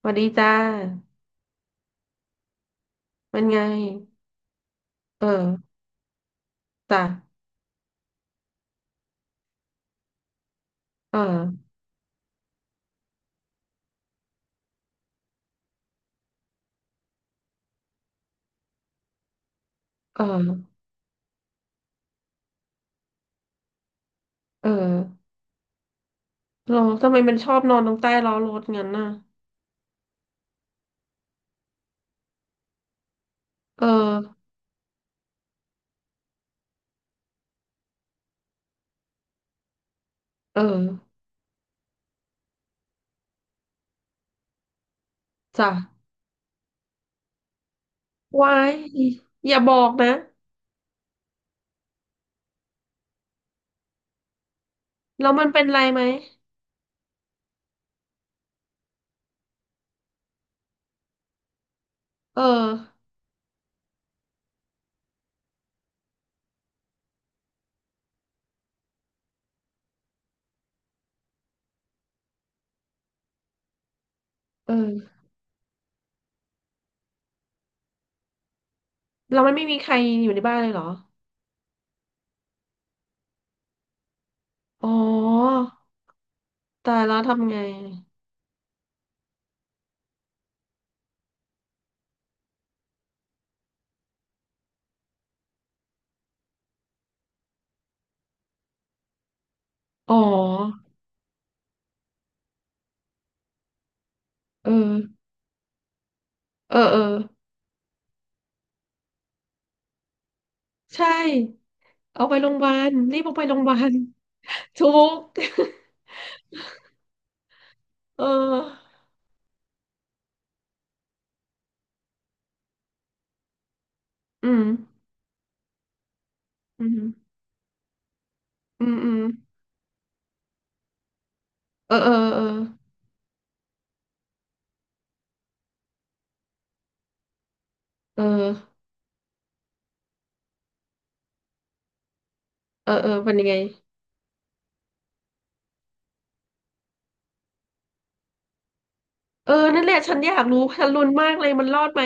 สวัสดีจ้ามันไงเออจ้ะเออเออเออเราทำไมมันชอบนอนตรงใต้ล้อรถงั้นน่ะเออเออจ้ะว้ายอย่าบอกนะแล้วมันเป็นไรไหมเออเออเรามันไม่มีใครอยู่ในบ้านเลยเหรออ๋อตายแล้วทำไงอ๋อเออเออเออใช่เอาไปโรงพยาบาลรีบเอาไปโรงพยาบาล ทุก เอออืมอืม อืมอืมเออเออเออเออเออเออเป็นยังไงเออนั่นแหละฉันอยากรู้ฉันลุ้นมากเลยมันรอดไหม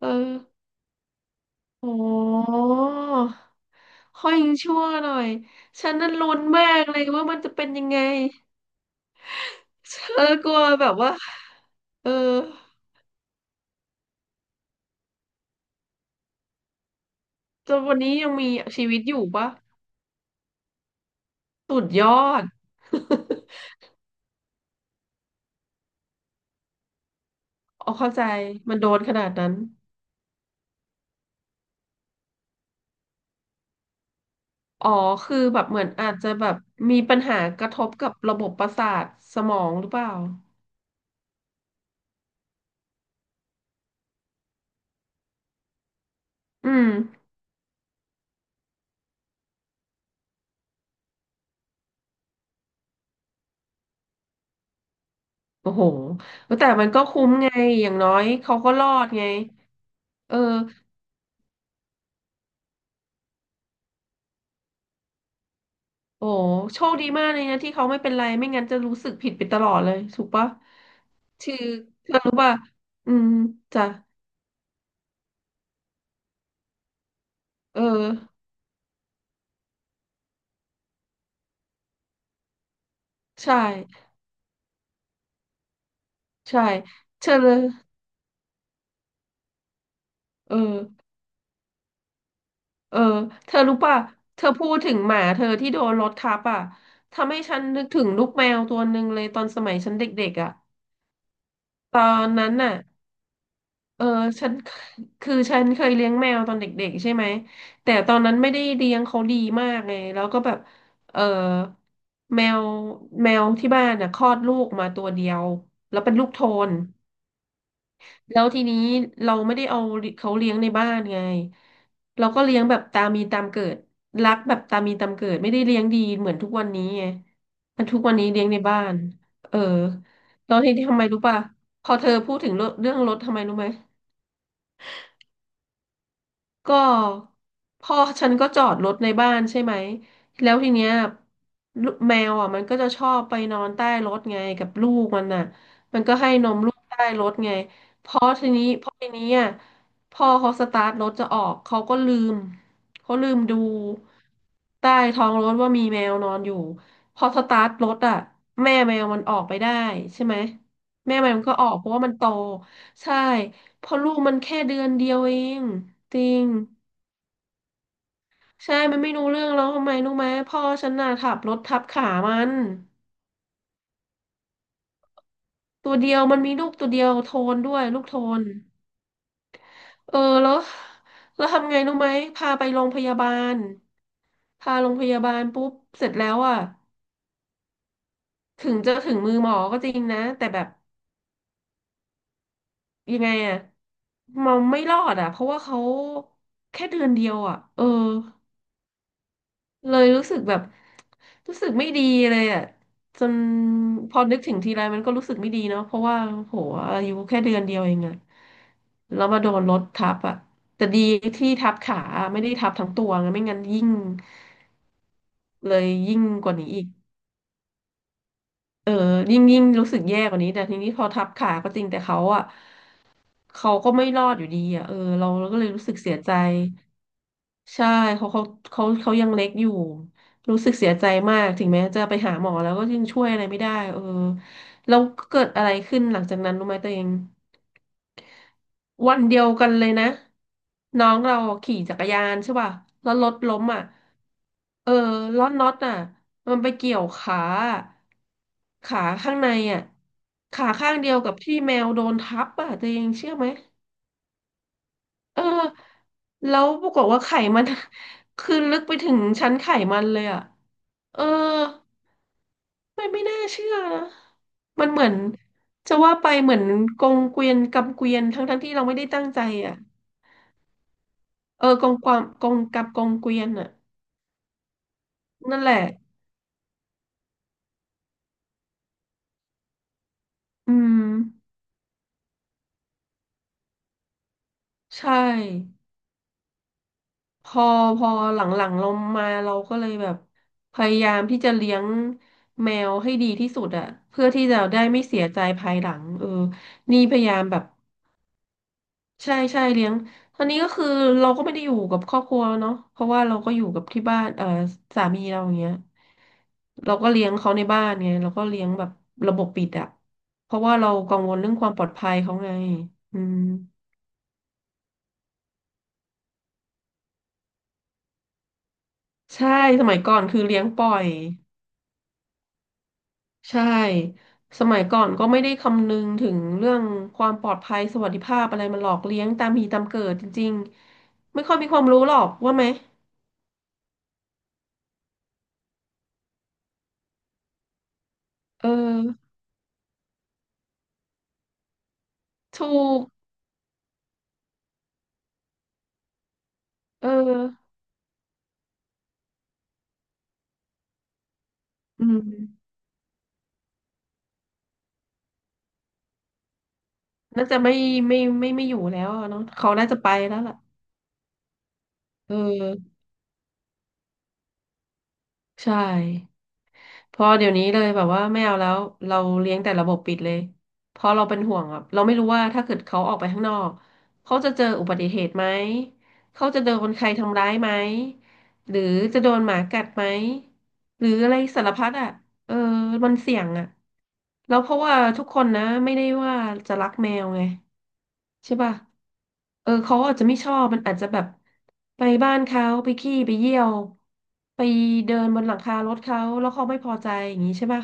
เออโอ้ค่อยยังชั่วหน่อยฉันนั้นลุ้นมากเลยว่ามันจะเป็นยังไงเออกลัวแบบว่าเออจนวันนี้ยังมีชีวิตอยู่ปะสุดยอด อ๋อเข้าใจมันโดนขนาดนั้นอ๋อคือแบบเหมือนอาจจะแบบมีปัญหากระทบกับระบบประสาทสมองหรือเปล่า อืมโอ้โหแต่มันก็คุ้มไงอย่างน้อยเขาก็รอดไงเออโอ้โหโชคดีมากเลยนะที่เขาไม่เป็นไรไม่งั้นจะรู้สึกผิดไปตลอดเลยถูกปะคือเธอรู้ป่ะอืมจ้ะเออใช่ใช่เธอเลยเออเออเธอรู้ป่ะเธอพูดถึงหมาเธอที่โดนรถทับอ่ะทำให้ฉันนึกถึงลูกแมวตัวหนึ่งเลยตอนสมัยฉันเด็กๆอ่ะตอนนั้นน่ะ เออฉันคือฉันเคยเลี้ยงแมวตอนเด็กๆใช่ไหมแต่ตอนนั้นไม่ได้เลี้ยงเขาดีมากไงแล้วก็แบบเออแมวที่บ้านน่ะคลอดลูกมาตัวเดียวแล้วเป็นลูกโทนแล้วทีนี้เราไม่ได้เอาเขาเลี้ยงในบ้านไงเราก็เลี้ยงแบบตามมีตามเกิดรักแบบตามมีตามเกิดไม่ได้เลี้ยงดีเหมือนทุกวันนี้ไงมันทุกวันนี้เลี้ยงในบ้านเออตอนที่ทำไมรู้ป่ะพอเธอพูดถึงเรื่องรถทำไมรู้ไหม ก็พ่อฉันก็จอดรถในบ้านใช่ไหม แล้วทีเนี้ยลูกแมวอ่ะมันก็จะชอบไปนอนใต้รถไงกับลูกมันน่ะมันก็ให้นมลูกใต้รถไงพอทีนี้อ่ะพ่อเขาสตาร์ทรถจะออกเขาก็ลืมเขาลืมดูใต้ท้องรถว่ามีแมวนอนอยู่พอสตาร์ทรถอ่ะแม่แมวมันออกไปได้ใช่ไหมแม่แมวมันก็ออกเพราะว่ามันโตใช่ เพราะลูกมันแค่เดือนเดียวเองจริงใช่มันไม่รู้เรื่องแล้วทำไมรู้ไหมพ่อฉันน่ะขับรถทับขามันตัวเดียวมันมีลูกตัวเดียวโทนด้วยลูกโทนเออแล้วทำไงรู้ไหมพาไปโรงพยาบาลพาโรงพยาบาลปุ๊บเสร็จแล้วอ่ะถึงจะถึงมือหมอก็จริงนะแต่แบบยังไงอ่ะมันไม่รอดอ่ะเพราะว่าเขาแค่เดือนเดียวอ่ะเออ เลยรู้สึกแบบรู้สึกไม่ดีเลยอ่ะจนพอนึกถึงทีไรมันก็รู้สึกไม่ดีเนาะเพราะว่าโหอายุแค่เดือนเดียวเองอ่ะแล้วมาโดนรถทับอ่ะแต่ดีที่ทับขาไม่ได้ทับทั้งตัวไงไม่งั้นยิ่งเลยยิ่งกว่านี้อีกเออยิ่งรู้สึกแย่กว่านี้แต่ทีนี้พอทับขาก็จริงแต่เขาอ่ะเขาก็ไม่รอดอยู่ดีอ่ะเออเราก็เลยรู้สึกเสียใจ ใช่เขาเขาเขายังเล็กอยู่รู้สึกเสียใจมากถึงแม้จะไปหาหมอแล้วก็ยังช่วยอะไรไม่ได้เออแล้วเกิดอะไรขึ้นหลังจากนั้นรู้ไหมตัวเองวันเดียวกันเลยนะน้องเราขี่จักรยานใช่ป่ะแล้วรถล้มอ่ะเออล้อน็อตอ่ะมันไปเกี่ยวขาอะขาข้างในอ่ะขาข้างเดียวกับที่แมวโดนทับอ่ะตัวเองเชื่อไหม เออแล้วปรากฏว่าไข่มัน คือลึกไปถึงชั้นไข่มันเลยอ่ะเออไม่น่าเชื่อนะมันเหมือนจะว่าไปเหมือนกงเกวียนกับเกวียนทั้งที่เราไม่ได้ตั้งใจอ่ะเออกงความกงกับกงเกวียนอ่ะนั่นแหละอืมใช่พอพอหลังๆเรามาเราก็เลยแบบพยายามที่จะเลี้ยงแมวให้ดีที่สุดอ่ะเพื่อที่จะได้ไม่เสียใจภายหลังเออนี่พยายามแบบ ใช่ใช่เลี้ยงตอนนี้ก็คือเราก็ไม่ได้อยู่กับครอบครัวเนาะเพราะว่าเราก็อยู่กับที่บ้านเอ่อสามีเราอย่างเงี้ยเราก็เลี้ยงเขาในบ้านไงเราก็เลี้ยงแบบระบบปิดอะเพราะว่าเรากังวลเรื่องความปลอดภัยเขาไงอืมใช่สมัยก่อนคือเลี้ยงปล่อยใช่สมัยก่อนก็ไม่ได้คำนึงถึงเรื่องความปลอดภัยสวัสดิภาพอะไรมันหลอกเลี้ยงตามมีตามเกิดจริงๆไม่ค่อยมีความรู้หรอกว่าไหมเออถูกเอออืม น่าจะไม่อยู่แล้วอะเนาะเขาน่าจะไปแล้วล่ะเออใช่พอเดี๋ยวนี้เลยแบบว่าไม่เอาแล้วเราเลี้ยงแต่ระบบปิดเลยเพราะเราเป็นห่วงอ่ะเราไม่รู้ว่าถ้าเกิดเขาออกไปข้างนอกเขาจะเจออุบัติเหตุไหมเขาจะโดนใครทำร้ายไหมหรือจะโดนหมากัดไหมหรืออะไรสารพัดอ่ะเออมันเสี่ยงอ่ะแล้วเพราะว่าทุกคนนะไม่ได้ว่าจะรักแมวไง ใช่ป่ะเออเขาอาจจะไม่ชอบมันอาจจะแบบไปบ้านเขาไปขี้ไปเยี่ยวไปเดินบนหลังคารถเขาแล้วเขาไม่พอใจอย่างนี้ใช่ป่ะ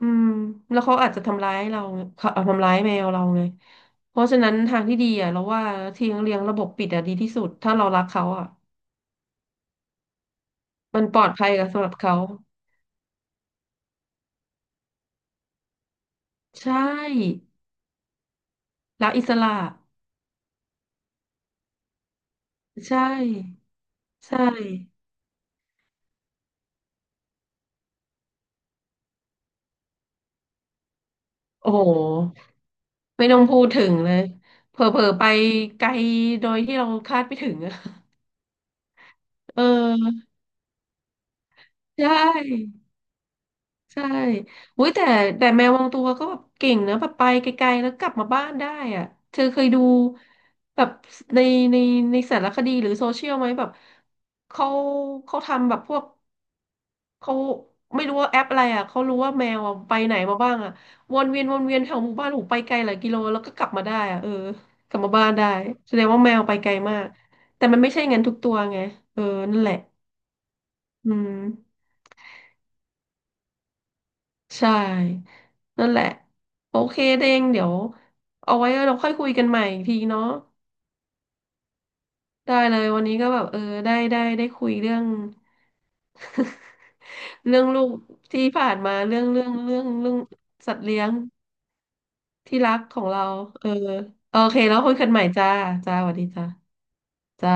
อืมแล้วเขาอาจจะทำร้ายเราเขาเอาทำร้ายแมวเราไงเพราะฉะนั้นทางที่ดีอ่ะเราว่าทิ้งเลี้ยงระบบปิดอ่ะดีที่สุดถ้าเรารักเขาอ่ะมันปลอดภัยกับสำหรับเขาใช่รักอิสระใช่ใช่โอ้โห ไม่ต้องพูดถึงเลยเผลอๆไปไกลโดยที่เราคาดไม่ถึงอะ เออใช่ใช่อุ้ยแต่แมวบางตัวก็แบบเก่งนะแบบไปไกลๆแล้วกลับมาบ้านได้อ่ะเธอเคยดูแบบในในในสารคดีหรือโซเชียลไหมแบบเขาเขาทำแบบพวก เขาไม่รู้ว่าแอปอะไรอ่ะ เขารู้ว่าแมวอะไปไหนมาบ้างอ่ะวนเวียนแถวหมู่บ้านหูไปไกลหลายกิโลแล้วก็กลับมาได้อ่ะเออกลับมาบ้านได้แสดงว่าแมวไปไกลมากแต่มันไม่ใช่งั้นทุกตัวไงเออนั่นแหละอืมใช่นั่นแหละโอเคเด้งเดี๋ยวเอาไว้เราค่อยคุยกันใหม่อีกทีเนาะได้เลยวันนี้ก็แบบเออได้ได้ได้คุยเรื่อง เรื่องลูกที่ผ่านมาเรื่องสัตว์เลี้ยง ที่รักของเราเออโอเค แล้วคุยกันใหม่จ้า จ้าสวัสดีจ้าจ้า